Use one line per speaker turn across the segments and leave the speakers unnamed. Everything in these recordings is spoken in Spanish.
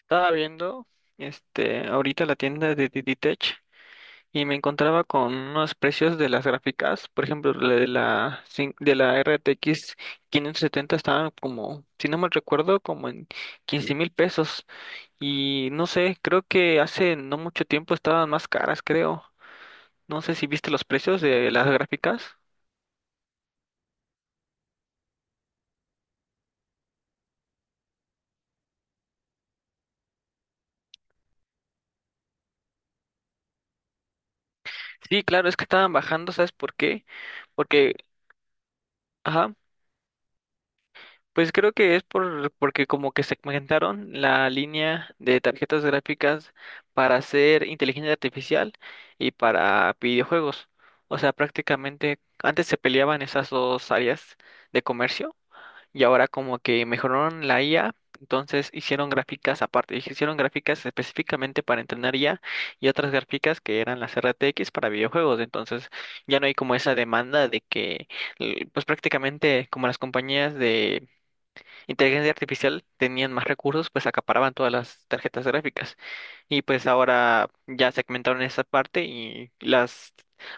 Estaba viendo ahorita la tienda de Diditech y me encontraba con unos precios de las gráficas, por ejemplo, la de la cin- de la RTX 570 estaban como, si no mal recuerdo, como en 15 mil pesos y no sé, creo que hace no mucho tiempo estaban más caras, creo. No sé si viste los precios de las gráficas. Sí, claro, es que estaban bajando, ¿sabes por qué? Porque, ajá. Pues creo que es porque como que segmentaron la línea de tarjetas gráficas para hacer inteligencia artificial y para videojuegos. O sea, prácticamente antes se peleaban esas dos áreas de comercio y ahora como que mejoraron la IA, entonces hicieron gráficas aparte, hicieron gráficas específicamente para entrenar IA y otras gráficas que eran las RTX para videojuegos. Entonces ya no hay como esa demanda de que, pues prácticamente como las compañías de inteligencia artificial tenían más recursos, pues acaparaban todas las tarjetas gráficas. Y pues ahora ya segmentaron esa parte y las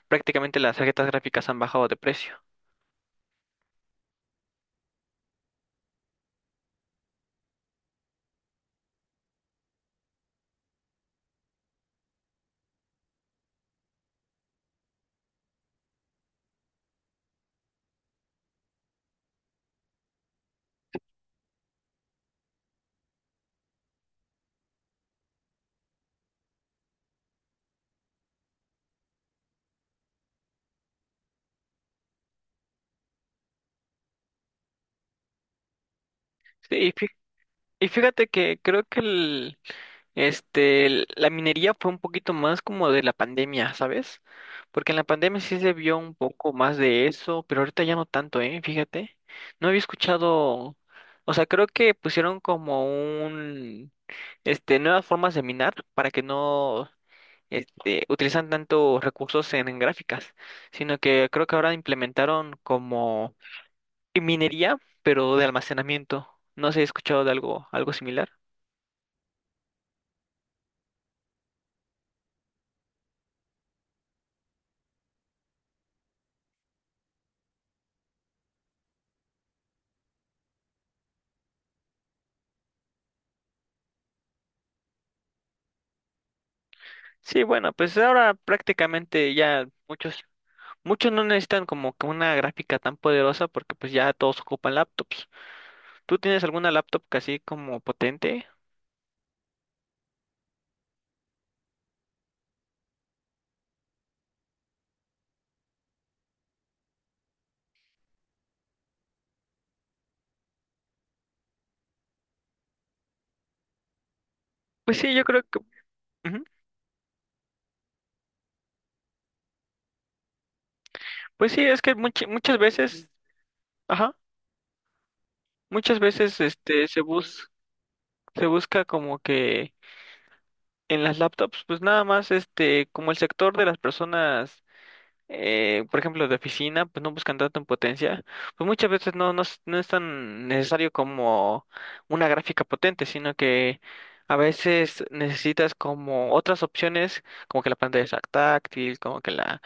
prácticamente las tarjetas gráficas han bajado de precio. Sí, y fíjate que creo que la minería fue un poquito más como de la pandemia, ¿sabes? Porque en la pandemia sí se vio un poco más de eso, pero ahorita ya no tanto, ¿eh? Fíjate. No había escuchado, o sea, creo que pusieron como nuevas formas de minar para que no utilizan tanto recursos en gráficas, sino que creo que ahora implementaron como minería, pero de almacenamiento. No sé he escuchado de algo, algo similar. Sí, bueno, pues ahora prácticamente ya muchos no necesitan como que una gráfica tan poderosa porque pues ya todos ocupan laptops. ¿Tú tienes alguna laptop así como potente? Pues sí, yo creo que, ujú. Pues sí, es que muchas veces, ajá, muchas veces se busca como que en las laptops, pues nada más, como el sector de las personas, por ejemplo, de oficina, pues no buscan tanto en potencia, pues muchas veces no, no, no es tan necesario como una gráfica potente, sino que a veces necesitas como otras opciones, como que la pantalla sea táctil,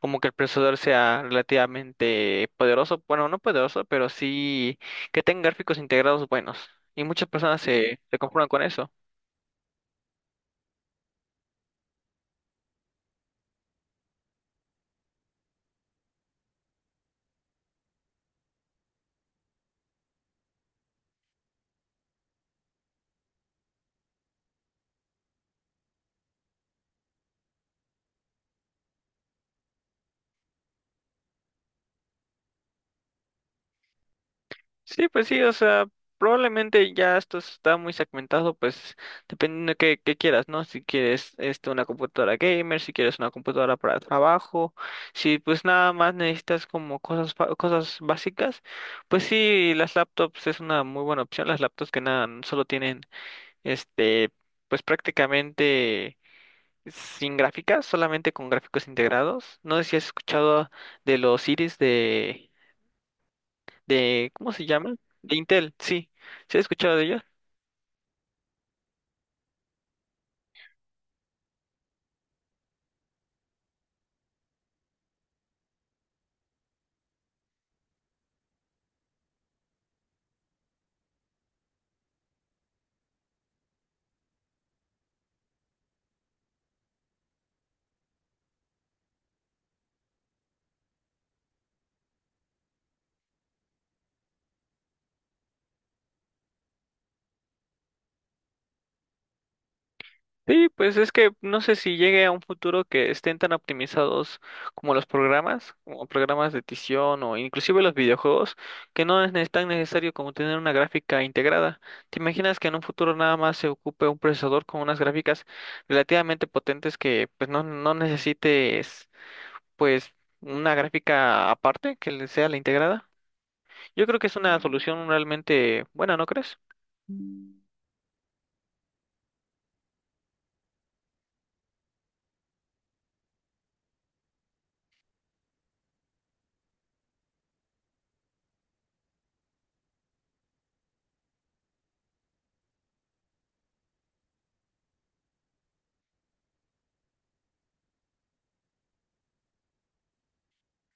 como que el procesador sea relativamente poderoso, bueno, no poderoso, pero sí que tenga gráficos integrados buenos. Y muchas personas se conforman con eso. Sí, pues sí, o sea, probablemente ya esto está muy segmentado, pues dependiendo de qué quieras, ¿no? Si quieres este, una computadora gamer, si quieres una computadora para trabajo, si pues nada más necesitas como cosas básicas, pues sí, las laptops es una muy buena opción, las laptops que nada, solo tienen, este, pues prácticamente sin gráficas, solamente con gráficos integrados. No sé si has escuchado de los Iris de ¿cómo se llama? De Intel, sí. ¿Se ha escuchado de ellos? Sí, pues es que no sé si llegue a un futuro que estén tan optimizados como los programas, como programas de edición o inclusive los videojuegos, que no es tan necesario como tener una gráfica integrada. ¿Te imaginas que en un futuro nada más se ocupe un procesador con unas gráficas relativamente potentes que pues no, no necesites pues una gráfica aparte que le sea la integrada? Yo creo que es una solución realmente buena, ¿no crees?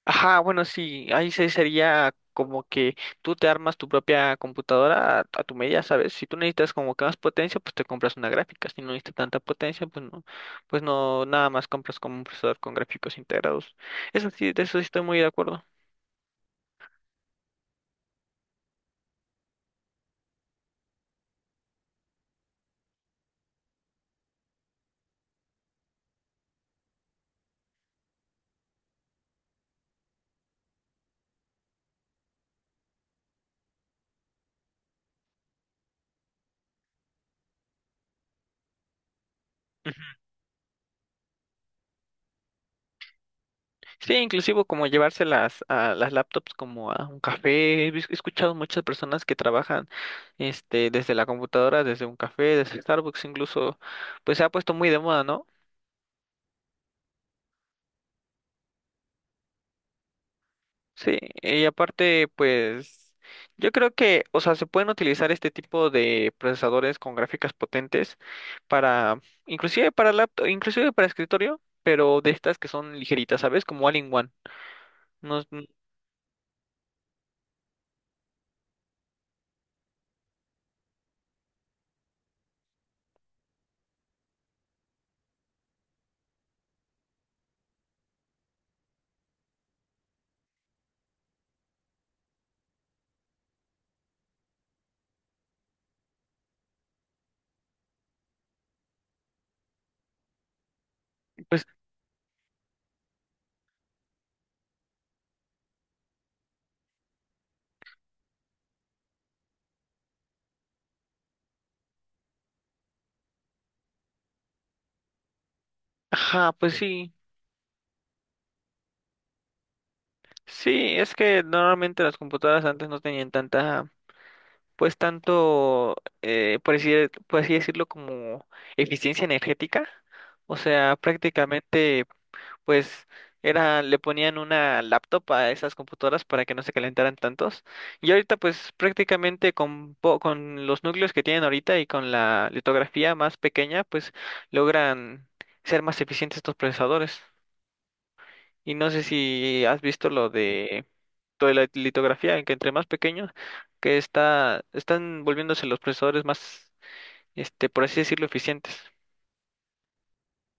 Ajá, bueno, sí, ahí se sería como que tú te armas tu propia computadora a tu medida, ¿sabes? Si tú necesitas como que más potencia, pues te compras una gráfica. Si no necesitas tanta potencia, pues no, nada más compras como un procesador con gráficos integrados. Eso sí, de eso sí estoy muy de acuerdo. Sí, inclusive como llevárselas a las laptops como a un café. He escuchado muchas personas que trabajan desde la computadora, desde un café, desde Starbucks incluso, pues se ha puesto muy de moda, ¿no? Sí, y aparte, pues yo creo que, o sea, se pueden utilizar este tipo de procesadores con gráficas potentes para, inclusive para laptop, inclusive para escritorio, pero de estas que son ligeritas, ¿sabes? Como All-in-One. No, pues, ajá, pues sí, sí. Sí, es que normalmente las computadoras antes no tenían pues tanto, eh, por decir por así decirlo, como eficiencia energética. O sea, prácticamente pues era, le ponían una laptop a esas computadoras para que no se calentaran tantos. Y ahorita pues prácticamente con los núcleos que tienen ahorita y con la litografía más pequeña, pues logran ser más eficientes estos procesadores. Y no sé si has visto lo de toda la litografía, en que entre más pequeños, que está, están volviéndose los procesadores más, por así decirlo, eficientes.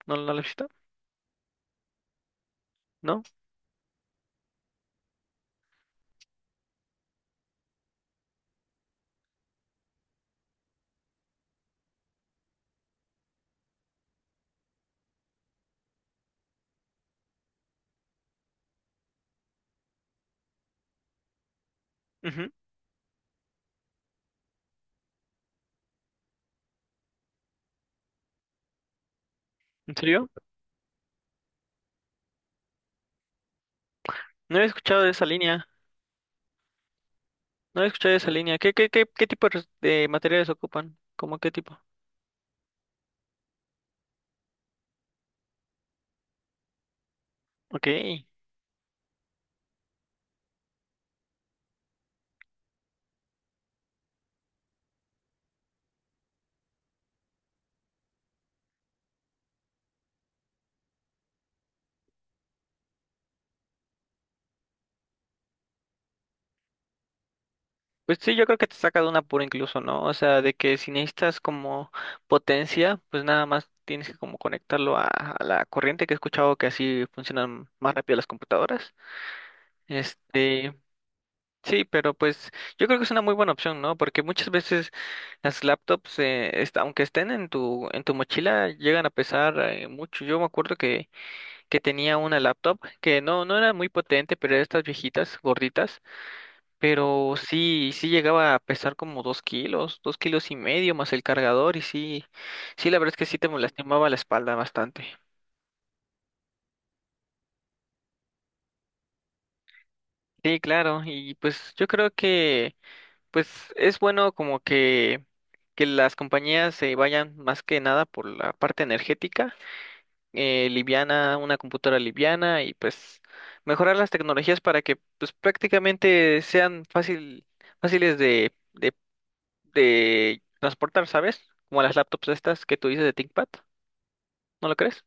¿No, no lo has visto? ¿No? Ujú. ¿En serio? No he escuchado de esa línea. No he escuchado esa línea. ¿Qué, qué, qué, qué tipo de de materiales ocupan? ¿Cómo qué tipo? Ok. Pues sí, yo creo que te saca de un apuro incluso, ¿no? O sea, de que si necesitas como potencia, pues nada más tienes que como conectarlo a la corriente, que he escuchado que así funcionan más rápido las computadoras. Este, sí, pero pues yo creo que es una muy buena opción, ¿no? Porque muchas veces las laptops, aunque estén en tu mochila, llegan a pesar mucho. Yo me acuerdo que tenía una laptop que no, no era muy potente, pero era estas viejitas, gorditas, pero sí, sí llegaba a pesar como dos kilos y medio más el cargador y sí, sí, la verdad es que sí te lastimaba la espalda bastante. Sí, claro, y pues yo creo que pues es bueno como que las compañías se vayan más que nada por la parte energética liviana, una computadora liviana y pues mejorar las tecnologías para que pues prácticamente sean fáciles de transportar, ¿sabes? Como las laptops estas que tú dices de ThinkPad, ¿no lo crees?